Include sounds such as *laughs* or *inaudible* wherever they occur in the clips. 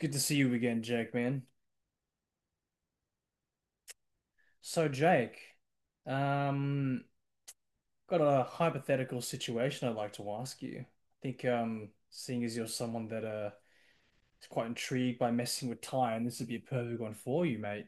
Good to see you again, Jake, man. So, Jake, um, got a hypothetical situation I'd like to ask you. I think, seeing as you're someone that is quite intrigued by messing with time, this would be a perfect one for you, mate.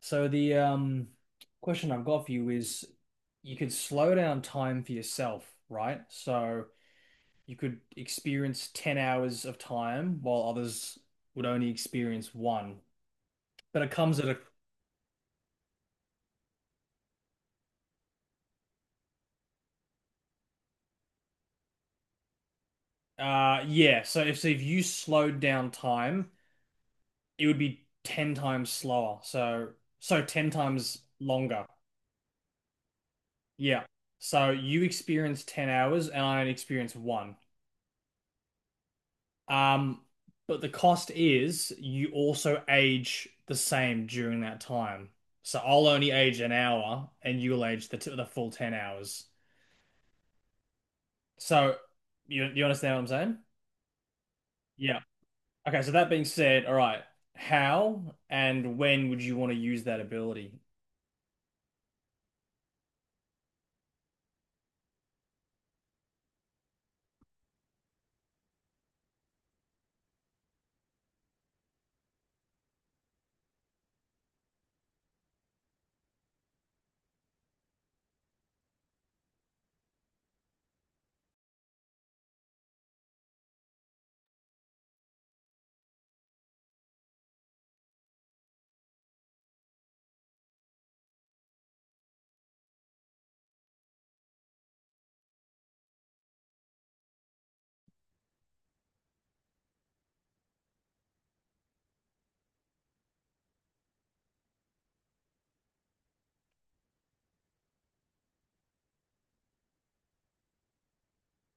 So, the question I've got for you is, you could slow down time for yourself, right? So you could experience 10 hours of time while others would only experience one. But it comes at a yeah. So if you slowed down time, it would be ten times slower. So ten times longer. Yeah. So you experience 10 hours, and I only experience one. Um, but the cost is you also age the same during that time. So I'll only age an hour, and you'll age the full 10 hours. So you understand what I'm saying? Yeah. Okay, so that being said, all right, how and when would you want to use that ability?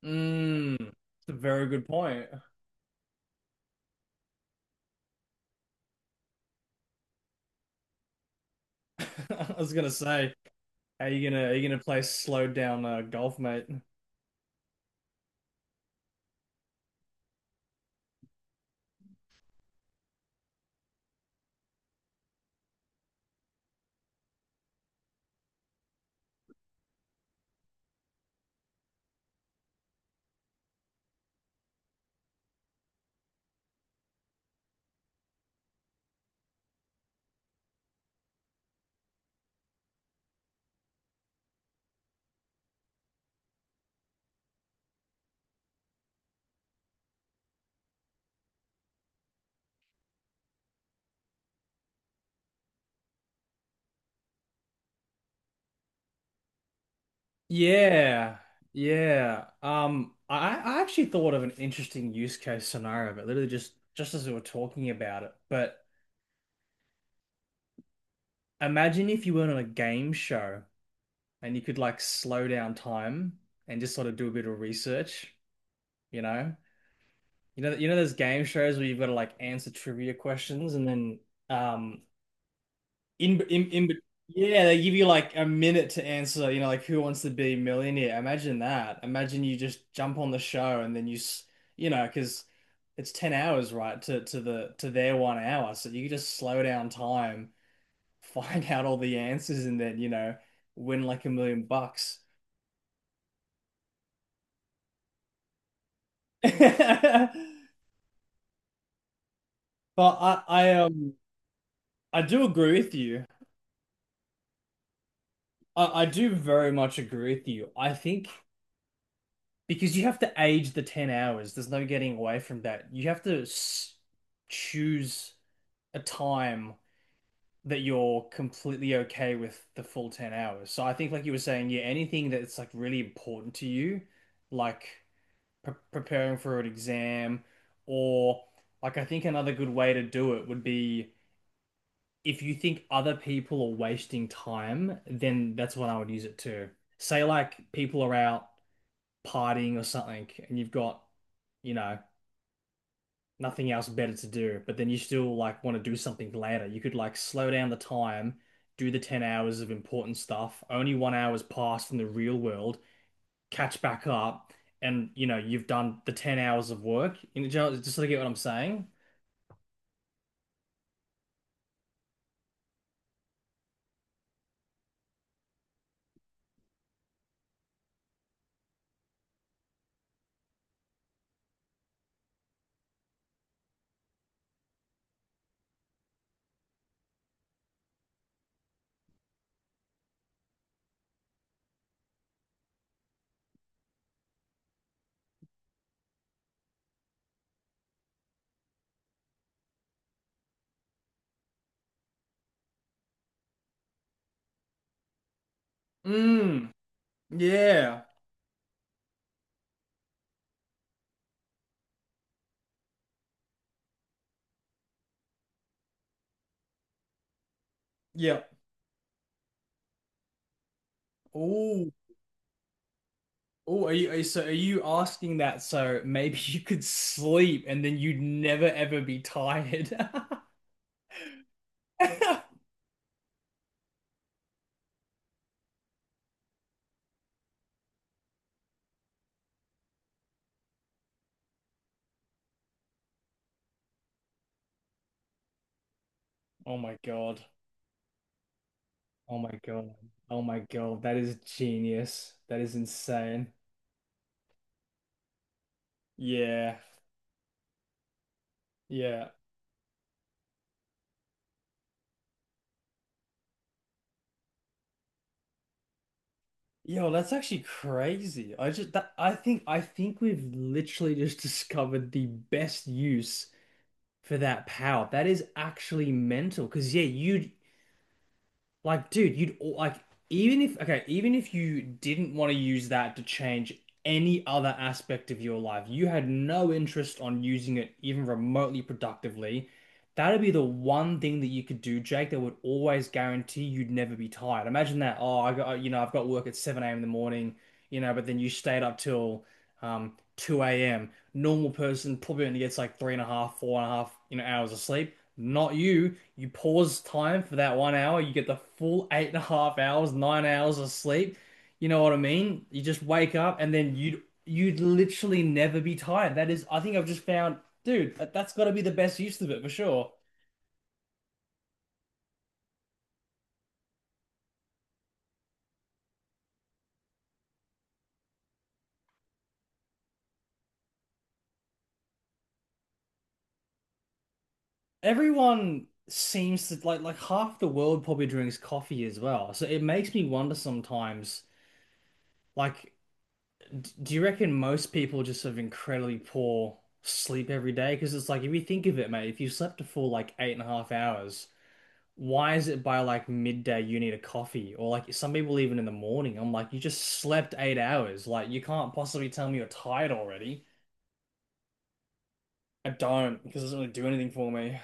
Mm, that's a very good point. *laughs* I was gonna say, are you gonna play slowed down golf, mate? Yeah, yeah. I actually thought of an interesting use case scenario, but literally just as we were talking about it. But imagine if you weren't on a game show and you could like slow down time and just sort of do a bit of research, you know? You know, you know those game shows where you've got to like answer trivia questions and then um in in in bet- yeah, they give you like a minute to answer, you know, like who wants to be a millionaire? Imagine that. Imagine you just jump on the show and then you know, because it's 10 hours, right, to their 1 hour. So you just slow down time, *laughs* find out all the answers and then, you know, win like a million bucks. *laughs* But I do agree with you. I do very much agree with you. I think because you have to age the 10 hours, there's no getting away from that. You have to s choose a time that you're completely okay with the full 10 hours. So I think, like you were saying, yeah, anything that's like really important to you, like preparing for an exam, or like I think another good way to do it would be if you think other people are wasting time, then that's what I would use it to. Say like people are out partying or something and you've got, you know, nothing else better to do, but then you still like want to do something later. You could like slow down the time, do the 10 hours of important stuff, only 1 hour's passed in the real world, catch back up, and you know, you've done the 10 hours of work. You know, just so you get what I'm saying? Mm, yeah. Yeah. Oh, oh, are you asking that so maybe *laughs* you could sleep and then you'd never ever be tired? *laughs* Oh my God. Oh my God. Oh my God. That is genius. That is insane. Yeah. Yeah. Yo, that's actually crazy. I just that I think we've literally just *laughs* discovered the best use for that power. That is actually mental. Because yeah, you like, dude, like even if okay, even if you didn't want to use that to change any other aspect of your life, you had no interest on using it even remotely productively. That'd be the one thing that you could do, Jake, that would always guarantee you'd never be tired. Imagine that. Oh, you know, I've got work at 7 a.m. in the morning, you know, but then you stayed up till 2 a.m. Normal person probably only gets like three and a half, four and a half, you know, hours of sleep. Not you. You pause time for that 1 hour. You get the full eight and a half hours, 9 hours of sleep. You know what I mean? You just wake up and then you'd literally never be tired. That is, I think I've just found, dude, that's got to be the best use of it for sure. Everyone seems to like half the world probably drinks coffee as well. So it makes me wonder sometimes, like. Do you reckon most people just have incredibly poor sleep every day? Because it's like, if you think of it, mate, if you slept a full like eight and a half hours, why is it by like midday you need a coffee? Or like some people even in the morning, I'm like, you just slept 8 hours. Like, you can't possibly tell me you're tired already. I don't, because it doesn't really do anything for me.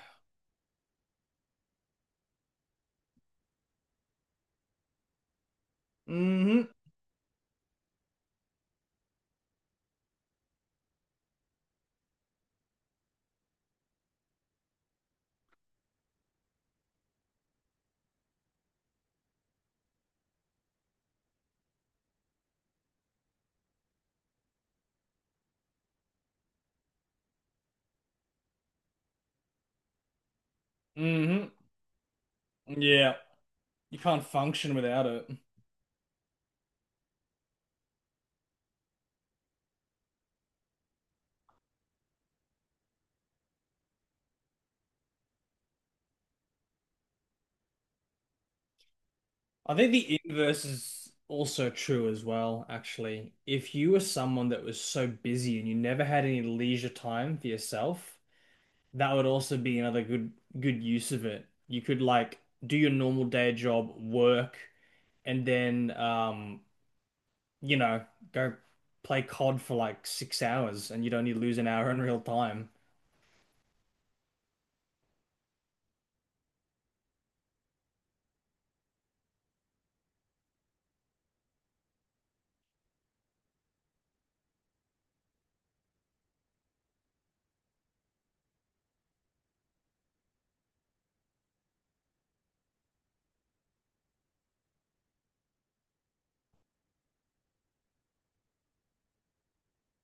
Mm-hmm. Mm-hmm. Yeah. You can't function without it. I think the inverse is also true as well, actually. If you were someone that was so busy and you never had any leisure time for yourself, that would also be another good use of it. You could like do your normal day job, work, and then you know, go play COD for like 6 hours and you'd only lose an hour in real time.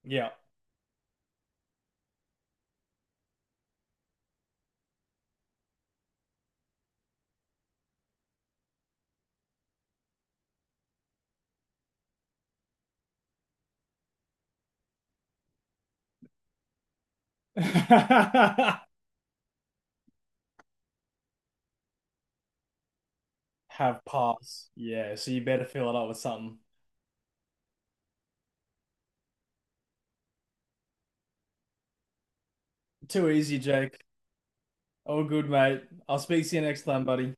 Yeah. *laughs* Have pass. Yeah, so you better fill it up with something. Too easy, Jake. All good, mate. I'll speak to you next time, buddy.